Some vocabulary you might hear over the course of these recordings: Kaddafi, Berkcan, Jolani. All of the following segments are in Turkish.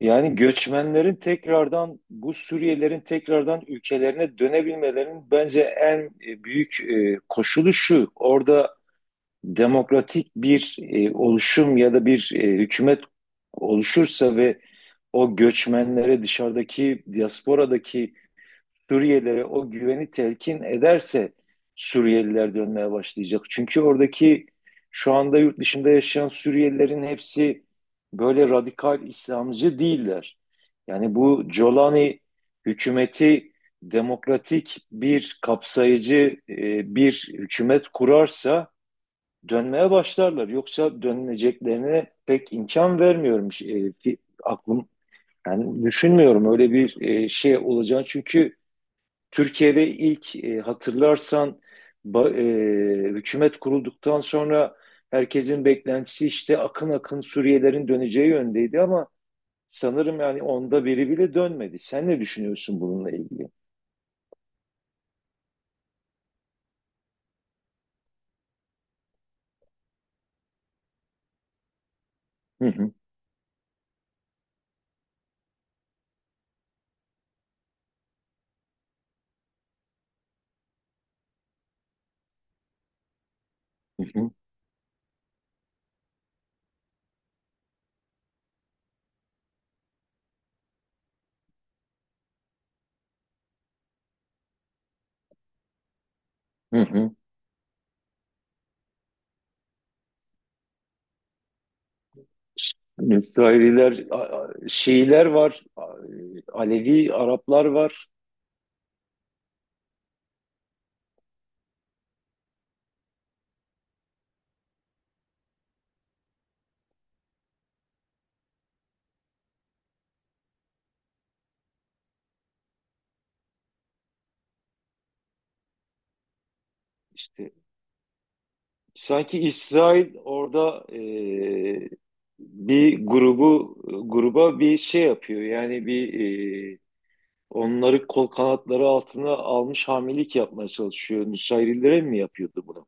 Yani göçmenlerin tekrardan bu Suriyelilerin tekrardan ülkelerine dönebilmelerinin bence en büyük koşulu şu. Orada demokratik bir oluşum ya da bir hükümet oluşursa ve o göçmenlere dışarıdaki diasporadaki Suriyelilere o güveni telkin ederse Suriyeliler dönmeye başlayacak. Çünkü oradaki şu anda yurt dışında yaşayan Suriyelilerin hepsi böyle radikal İslamcı değiller. Yani bu Jolani hükümeti demokratik bir kapsayıcı bir hükümet kurarsa dönmeye başlarlar. Yoksa dönmeyeceklerine pek imkan vermiyorum. Aklım yani düşünmüyorum öyle bir şey olacağını. Çünkü Türkiye'de ilk hatırlarsan, ba- hükümet kurulduktan sonra herkesin beklentisi işte akın akın Suriyelerin döneceği yöndeydi ama sanırım yani onda biri bile dönmedi. Sen ne düşünüyorsun bununla ilgili? Hı hı. Hı hı. Hı hı. Müsraililer, Şiiler var, Alevi Araplar var. İşte sanki İsrail orada bir grubu gruba bir şey yapıyor. Yani e, onları kol kanatları altına almış hamilelik yapmaya çalışıyor. Nusayrilere mi yapıyordu bunu?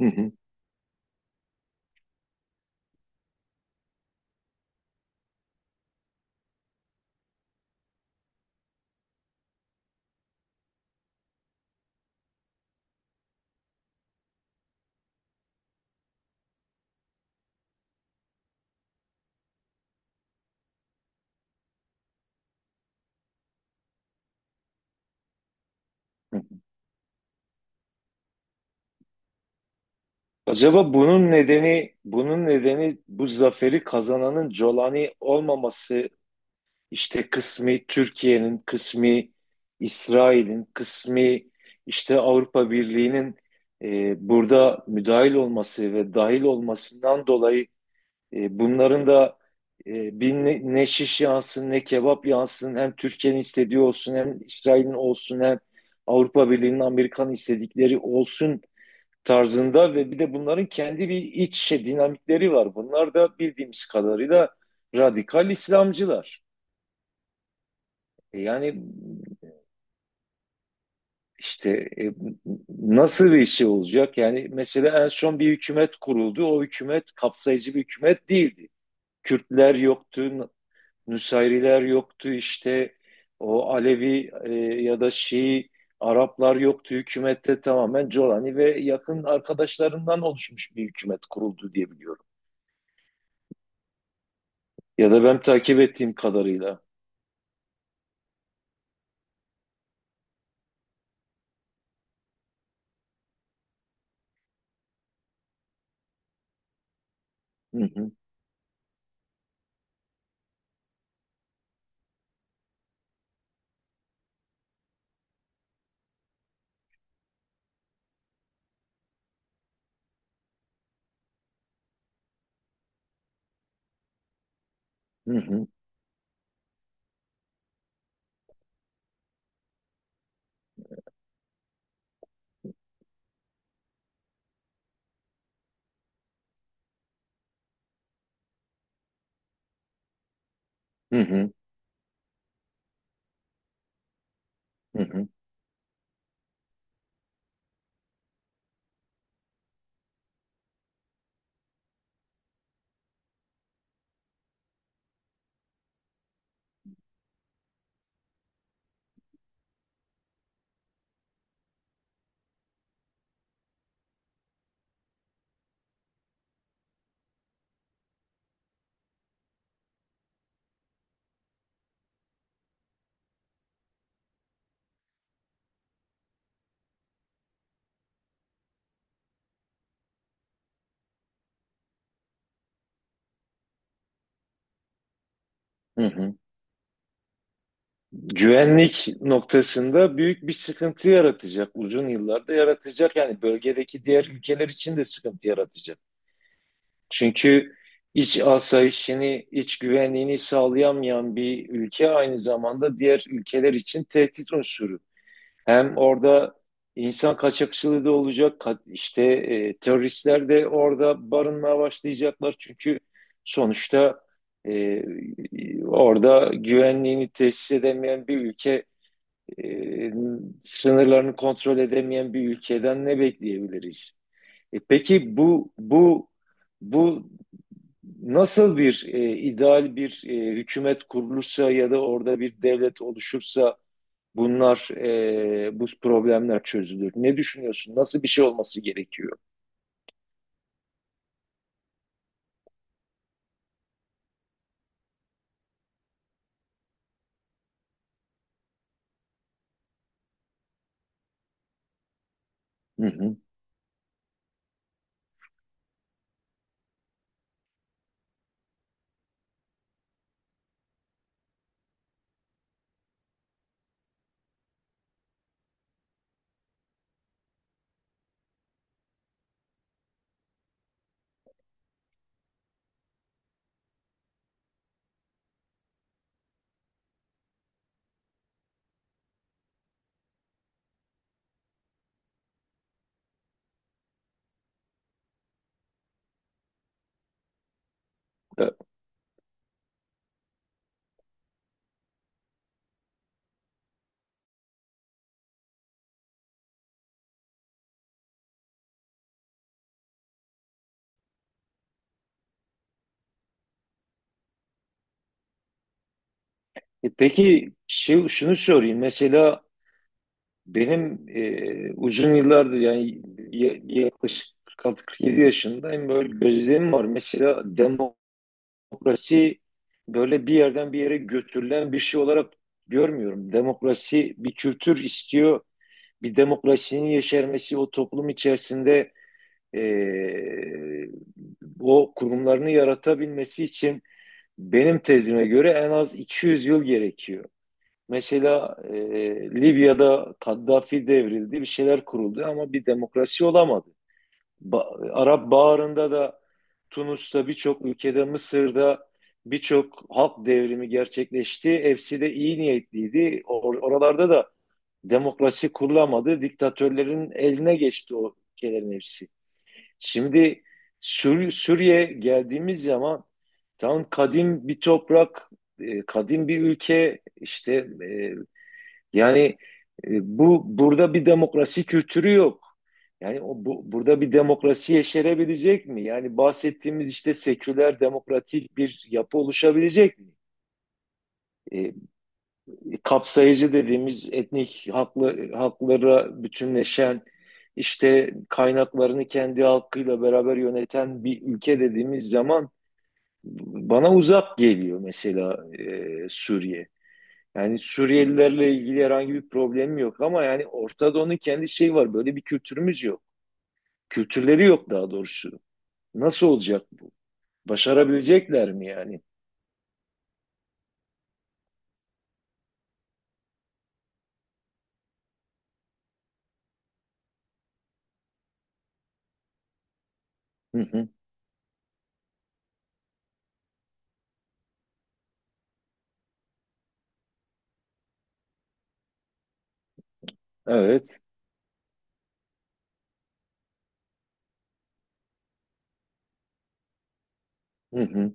Hı hı. Hı. Acaba bunun nedeni bu zaferi kazananın Jolani olmaması, İşte kısmi Türkiye'nin, kısmi İsrail'in, kısmi işte Avrupa Birliği'nin burada müdahil olması ve dahil olmasından dolayı, bunların da ne şiş yansın ne kebap yansın, hem Türkiye'nin istediği olsun hem İsrail'in olsun hem Avrupa Birliği'nin Amerikan istedikleri olsun tarzında ve bir de bunların kendi bir iç dinamikleri var. Bunlar da bildiğimiz kadarıyla radikal İslamcılar. Yani işte e, nasıl bir şey olacak? Yani mesela en son bir hükümet kuruldu. O hükümet kapsayıcı bir hükümet değildi. Kürtler yoktu, Nusayriler yoktu, işte o Alevi ya da Şii Araplar yoktu. Hükümette tamamen Colani ve yakın arkadaşlarından oluşmuş bir hükümet kuruldu diye biliyorum. Ya da ben takip ettiğim kadarıyla. Hı hı. Hı hı. Hı hı. Hı hı. Hı hı. Güvenlik noktasında büyük bir sıkıntı yaratacak. Uzun yıllarda yaratacak. Yani bölgedeki diğer ülkeler için de sıkıntı yaratacak. Çünkü iç asayişini, iç güvenliğini sağlayamayan bir ülke aynı zamanda diğer ülkeler için tehdit unsuru. Hem orada insan kaçakçılığı da olacak, işte teröristler de orada barınmaya başlayacaklar. Çünkü sonuçta e, orada güvenliğini tesis edemeyen bir ülke, e, sınırlarını kontrol edemeyen bir ülkeden ne bekleyebiliriz? Peki, bu nasıl, bir ideal bir hükümet kurulursa ya da orada bir devlet oluşursa bu problemler çözülür. Ne düşünüyorsun? Nasıl bir şey olması gerekiyor? Hı hı. Peki, şunu sorayım. Mesela benim, uzun yıllardır, yani yaklaşık 46-47 yaşındayım, böyle gözlemim var. Mesela demokrasi böyle bir yerden bir yere götürülen bir şey olarak görmüyorum. Demokrasi bir kültür istiyor. Bir demokrasinin yeşermesi o toplum içerisinde, e, o kurumlarını yaratabilmesi için, benim tezime göre en az 200 yıl gerekiyor. Mesela Libya'da Kaddafi devrildi, bir şeyler kuruldu ama bir demokrasi olamadı. Arap Baharı'nda da Tunus'ta, birçok ülkede, Mısır'da birçok halk devrimi gerçekleşti. Hepsi de iyi niyetliydi. Oralarda da demokrasi kurulamadı. Diktatörlerin eline geçti o ülkelerin hepsi. Şimdi Suriye geldiğimiz zaman, tam kadim bir toprak, kadim bir ülke, işte, e, yani, e, burada bir demokrasi kültürü yok. Yani burada bir demokrasi yeşerebilecek mi? Yani bahsettiğimiz işte seküler demokratik bir yapı oluşabilecek mi? E, kapsayıcı dediğimiz, etnik haklara bütünleşen, işte kaynaklarını kendi halkıyla beraber yöneten bir ülke dediğimiz zaman, bana uzak geliyor mesela Suriye. Yani Suriyelilerle ilgili herhangi bir problemi yok ama yani Orta Doğu'nun kendi şeyi var. Böyle bir kültürümüz yok. Kültürleri yok daha doğrusu. Nasıl olacak bu? Başarabilecekler mi yani? Hı hı. Evet. Hı hı.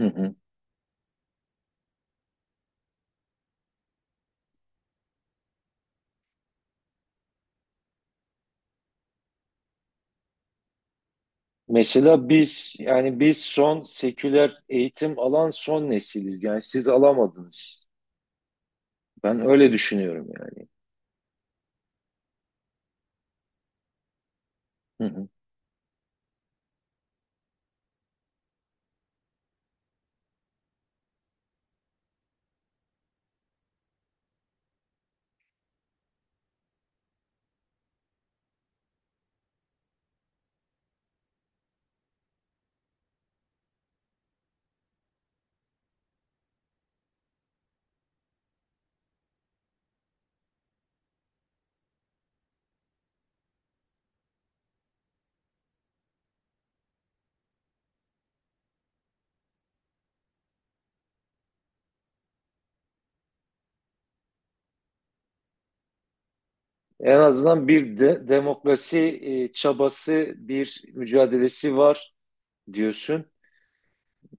Hı hı. Mesela biz, yani biz son seküler eğitim alan son nesiliz. Yani siz alamadınız. Ben öyle düşünüyorum yani. Hı hı. En azından bir de demokrasi çabası, bir mücadelesi var diyorsun.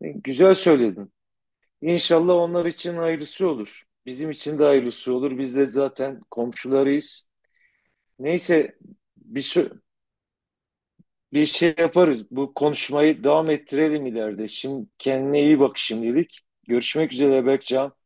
Güzel söyledin. İnşallah onlar için hayırlısı olur. Bizim için de hayırlısı olur. Biz de zaten komşularıyız. Neyse, bir şey, bir şey yaparız. Bu konuşmayı devam ettirelim ileride. Şimdi kendine iyi bak şimdilik. Görüşmek üzere Berkcan.